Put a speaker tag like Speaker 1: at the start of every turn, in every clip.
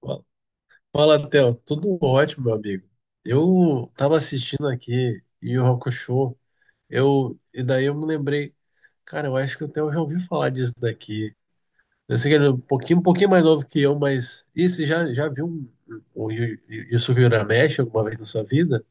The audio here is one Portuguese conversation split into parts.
Speaker 1: Fa- Fala, Theo. Tudo ótimo, meu amigo. Eu tava assistindo aqui Yu Yu Hakusho, e daí eu me lembrei, cara, eu acho que o Theo já ouviu falar disso daqui. Eu sei que ele é um pouquinho mais novo que eu, mas e você já viu o Yusuke Urameshi alguma vez na sua vida?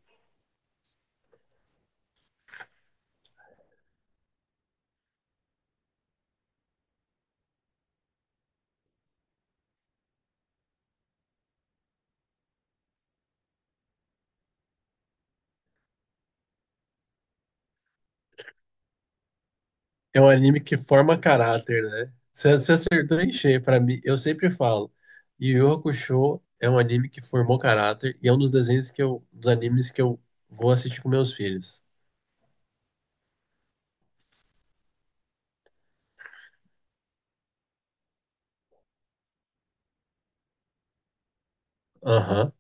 Speaker 1: É um anime que forma caráter, né? Você acertou em cheio, pra mim, eu sempre falo, Yu Yu Hakusho é um anime que formou caráter e é um dos desenhos que dos animes que eu vou assistir com meus filhos. Aham.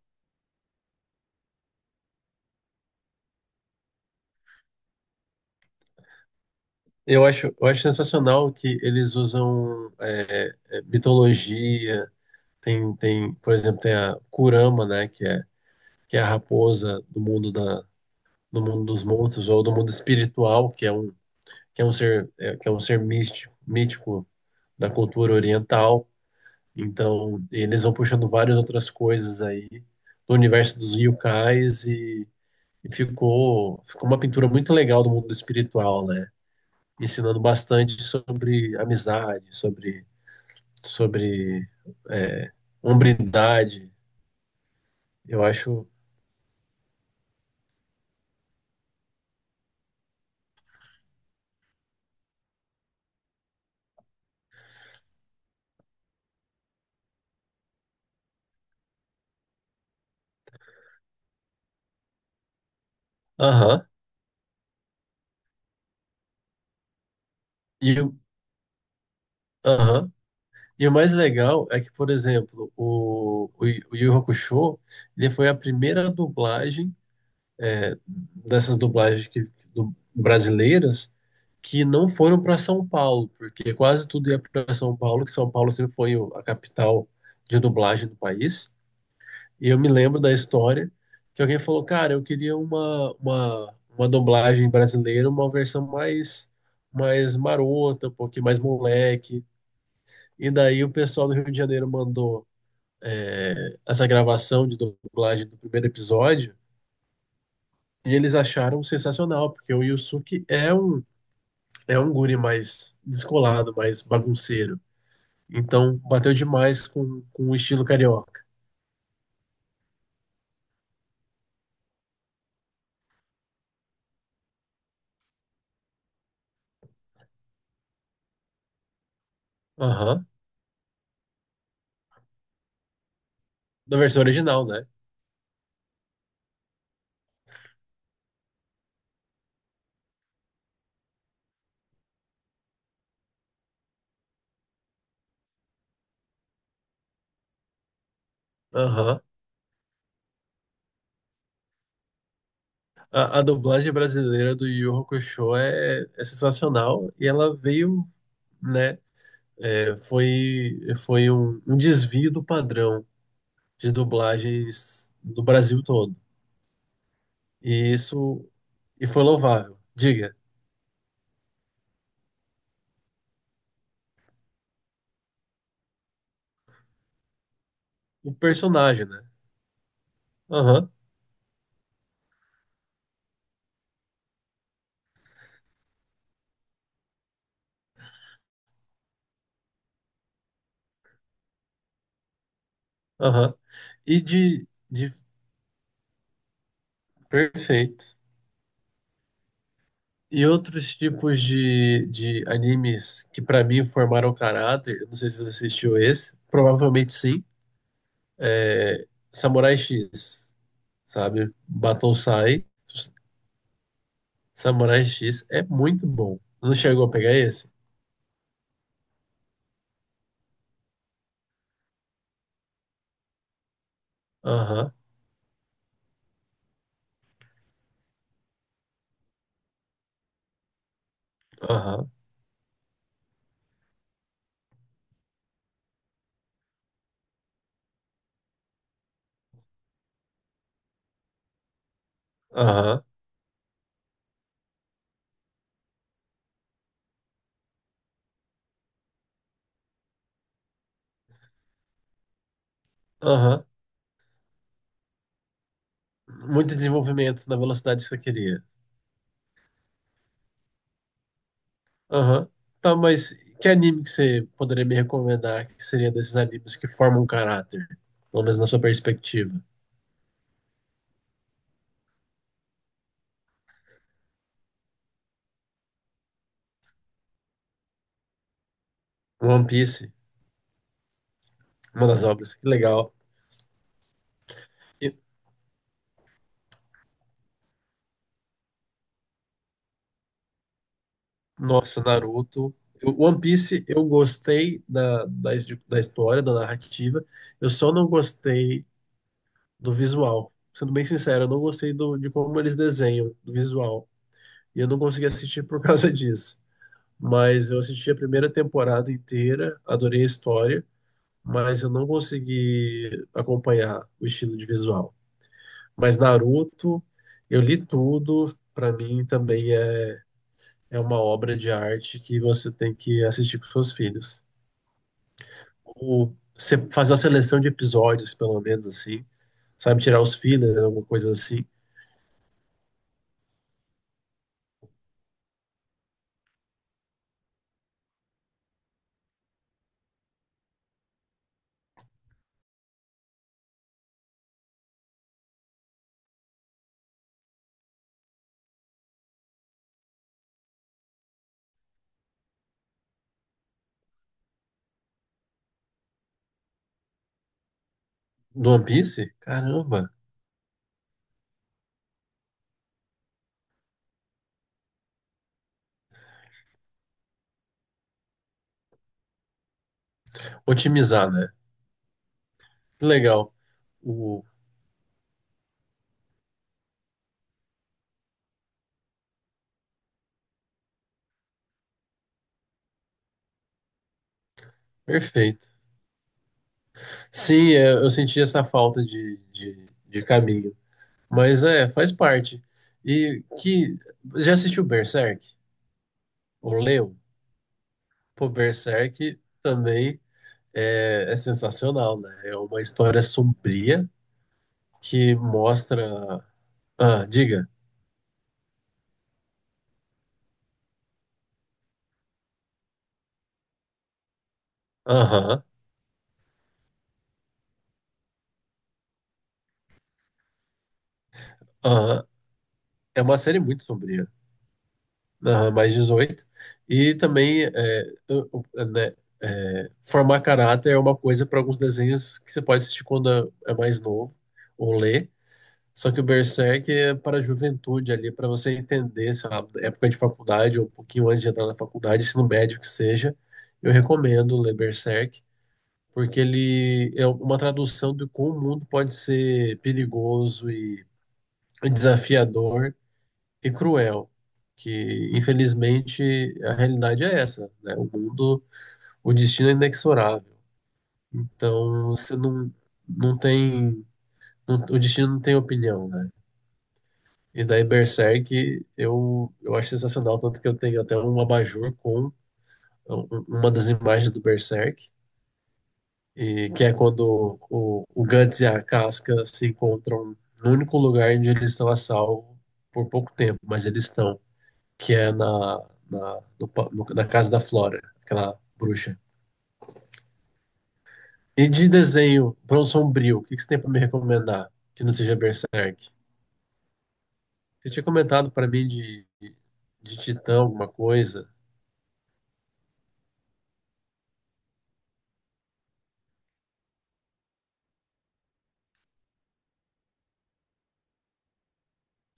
Speaker 1: Eu acho sensacional que eles usam mitologia. Tem, por exemplo, tem a Kurama, né, que é a raposa do mundo dos monstros ou do mundo espiritual, que é um ser místico, mítico da cultura oriental. Então, eles vão puxando várias outras coisas aí do universo dos yokais e, ficou uma pintura muito legal do mundo espiritual, né? Ensinando bastante sobre amizade, sobre é, hombridade. Eu acho. Aham. E, o- aham. E o mais legal é que, por exemplo, o Yu Hakusho, ele foi a primeira dublagem dessas dublagens brasileiras que não foram para São Paulo, porque quase tudo ia para São Paulo, que São Paulo sempre foi a capital de dublagem do país. E eu me lembro da história que alguém falou, cara, eu queria uma dublagem brasileira, uma versão mais marota, um pouquinho mais moleque. E daí o pessoal do Rio de Janeiro mandou essa gravação de dublagem do primeiro episódio e eles acharam sensacional, porque o Yusuke é um guri mais descolado, mais bagunceiro. Então bateu demais com o estilo carioca. Aham. Da versão original, né? Aham. A dublagem brasileira do Yu Yu Hakusho é sensacional e ela veio, né? Foi um desvio do padrão de dublagens do Brasil todo. E isso e foi louvável. Diga, o personagem, né? Aham, aham. E de, de. Perfeito. E outros tipos de animes que pra mim formaram caráter, eu não sei se você assistiu esse, provavelmente sim Samurai X, sabe? Batou Sai, Samurai X é muito bom. Não chegou a pegar esse? Aham, aham, aham, aham. Muito desenvolvimento na velocidade que você queria. Aham. Tá, mas que anime que você poderia me recomendar que seria desses animes que formam um caráter? Pelo menos na sua perspectiva. One Piece, uma das obras. Que legal. E- Nossa, Naruto. One Piece, eu gostei da história, da narrativa. Eu só não gostei do visual. Sendo bem sincero, eu não gostei de como eles desenham, do visual. E eu não consegui assistir por causa disso. Mas eu assisti a primeira temporada inteira, adorei a história, mas eu não consegui acompanhar o estilo de visual. Mas Naruto, eu li tudo, pra mim também É uma obra de arte que você tem que assistir com seus filhos. Ou se- Fazer uma seleção de episódios, pelo menos assim, sabe? Tirar os fillers, alguma coisa assim. Do One Piece? Caramba! Otimizar, né? Que legal. O... Perfeito. Sim, eu senti essa falta de caminho. Mas é, faz parte. E que. Já assistiu Berserk? Ou leu? Pô, Berserk também é sensacional, né? É uma história sombria que mostra. Ah, diga. Aham, aham. É uma série muito sombria. Aham, mais 18. E também, eu- eu- né, formar caráter é uma coisa para alguns desenhos que você pode assistir quando é mais novo ou ler. Só que o Berserk é para a juventude ali, para você entender, sei lá, época de faculdade ou um pouquinho antes de entrar na faculdade, ensino médio que seja. Eu recomendo ler Berserk. Porque ele é uma tradução de como o mundo pode ser perigoso e desafiador e cruel, que infelizmente a realidade é essa, né? O mundo, o destino é inexorável. Então você não, não tem, o destino não tem opinião, né? E daí Berserk eu acho sensacional, tanto que eu tenho até um abajur com uma das imagens do Berserk. E que é quando o Guts e a Casca se encontram no único lugar onde eles estão a salvo por pouco tempo, mas eles estão, que é na, na, no pa- no- na casa da Flora, aquela bruxa. E de desenho, para um sombrio, o que que você tem para me recomendar que não seja Berserk? Você tinha comentado para mim de Titã, alguma coisa.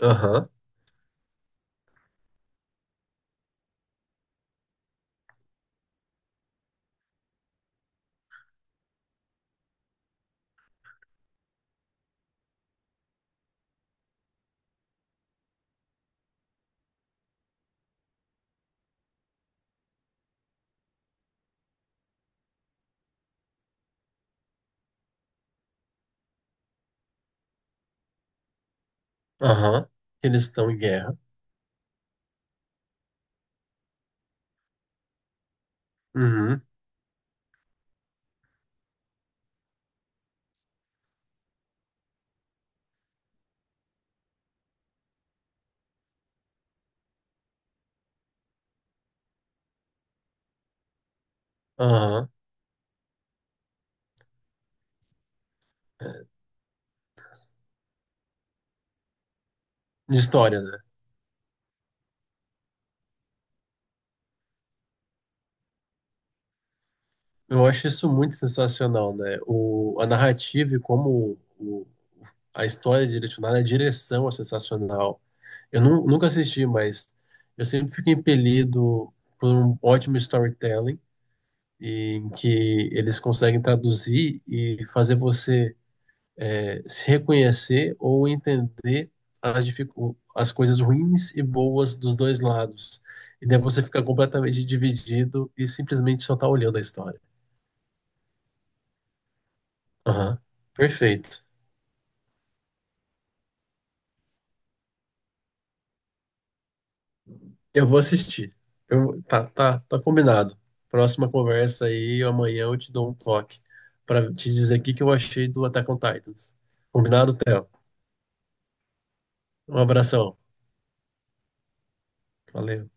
Speaker 1: Aham, aham. Que eles estão em guerra. Uhum, aham. É. De história, né? Eu acho isso muito sensacional, né? A narrativa e a história é direcionada, a direção é sensacional. Eu nunca assisti, mas eu sempre fico impelido por um ótimo storytelling em que eles conseguem traduzir e fazer você se reconhecer ou entender as coisas ruins e boas dos dois lados. E daí você fica completamente dividido e simplesmente só tá olhando a história. Aham. Perfeito. Eu vou assistir. Tá, tá, tá combinado. Próxima conversa aí, amanhã eu te dou um toque para te dizer o que que eu achei do Attack on Titans. Combinado, Theo? Um abração. Valeu.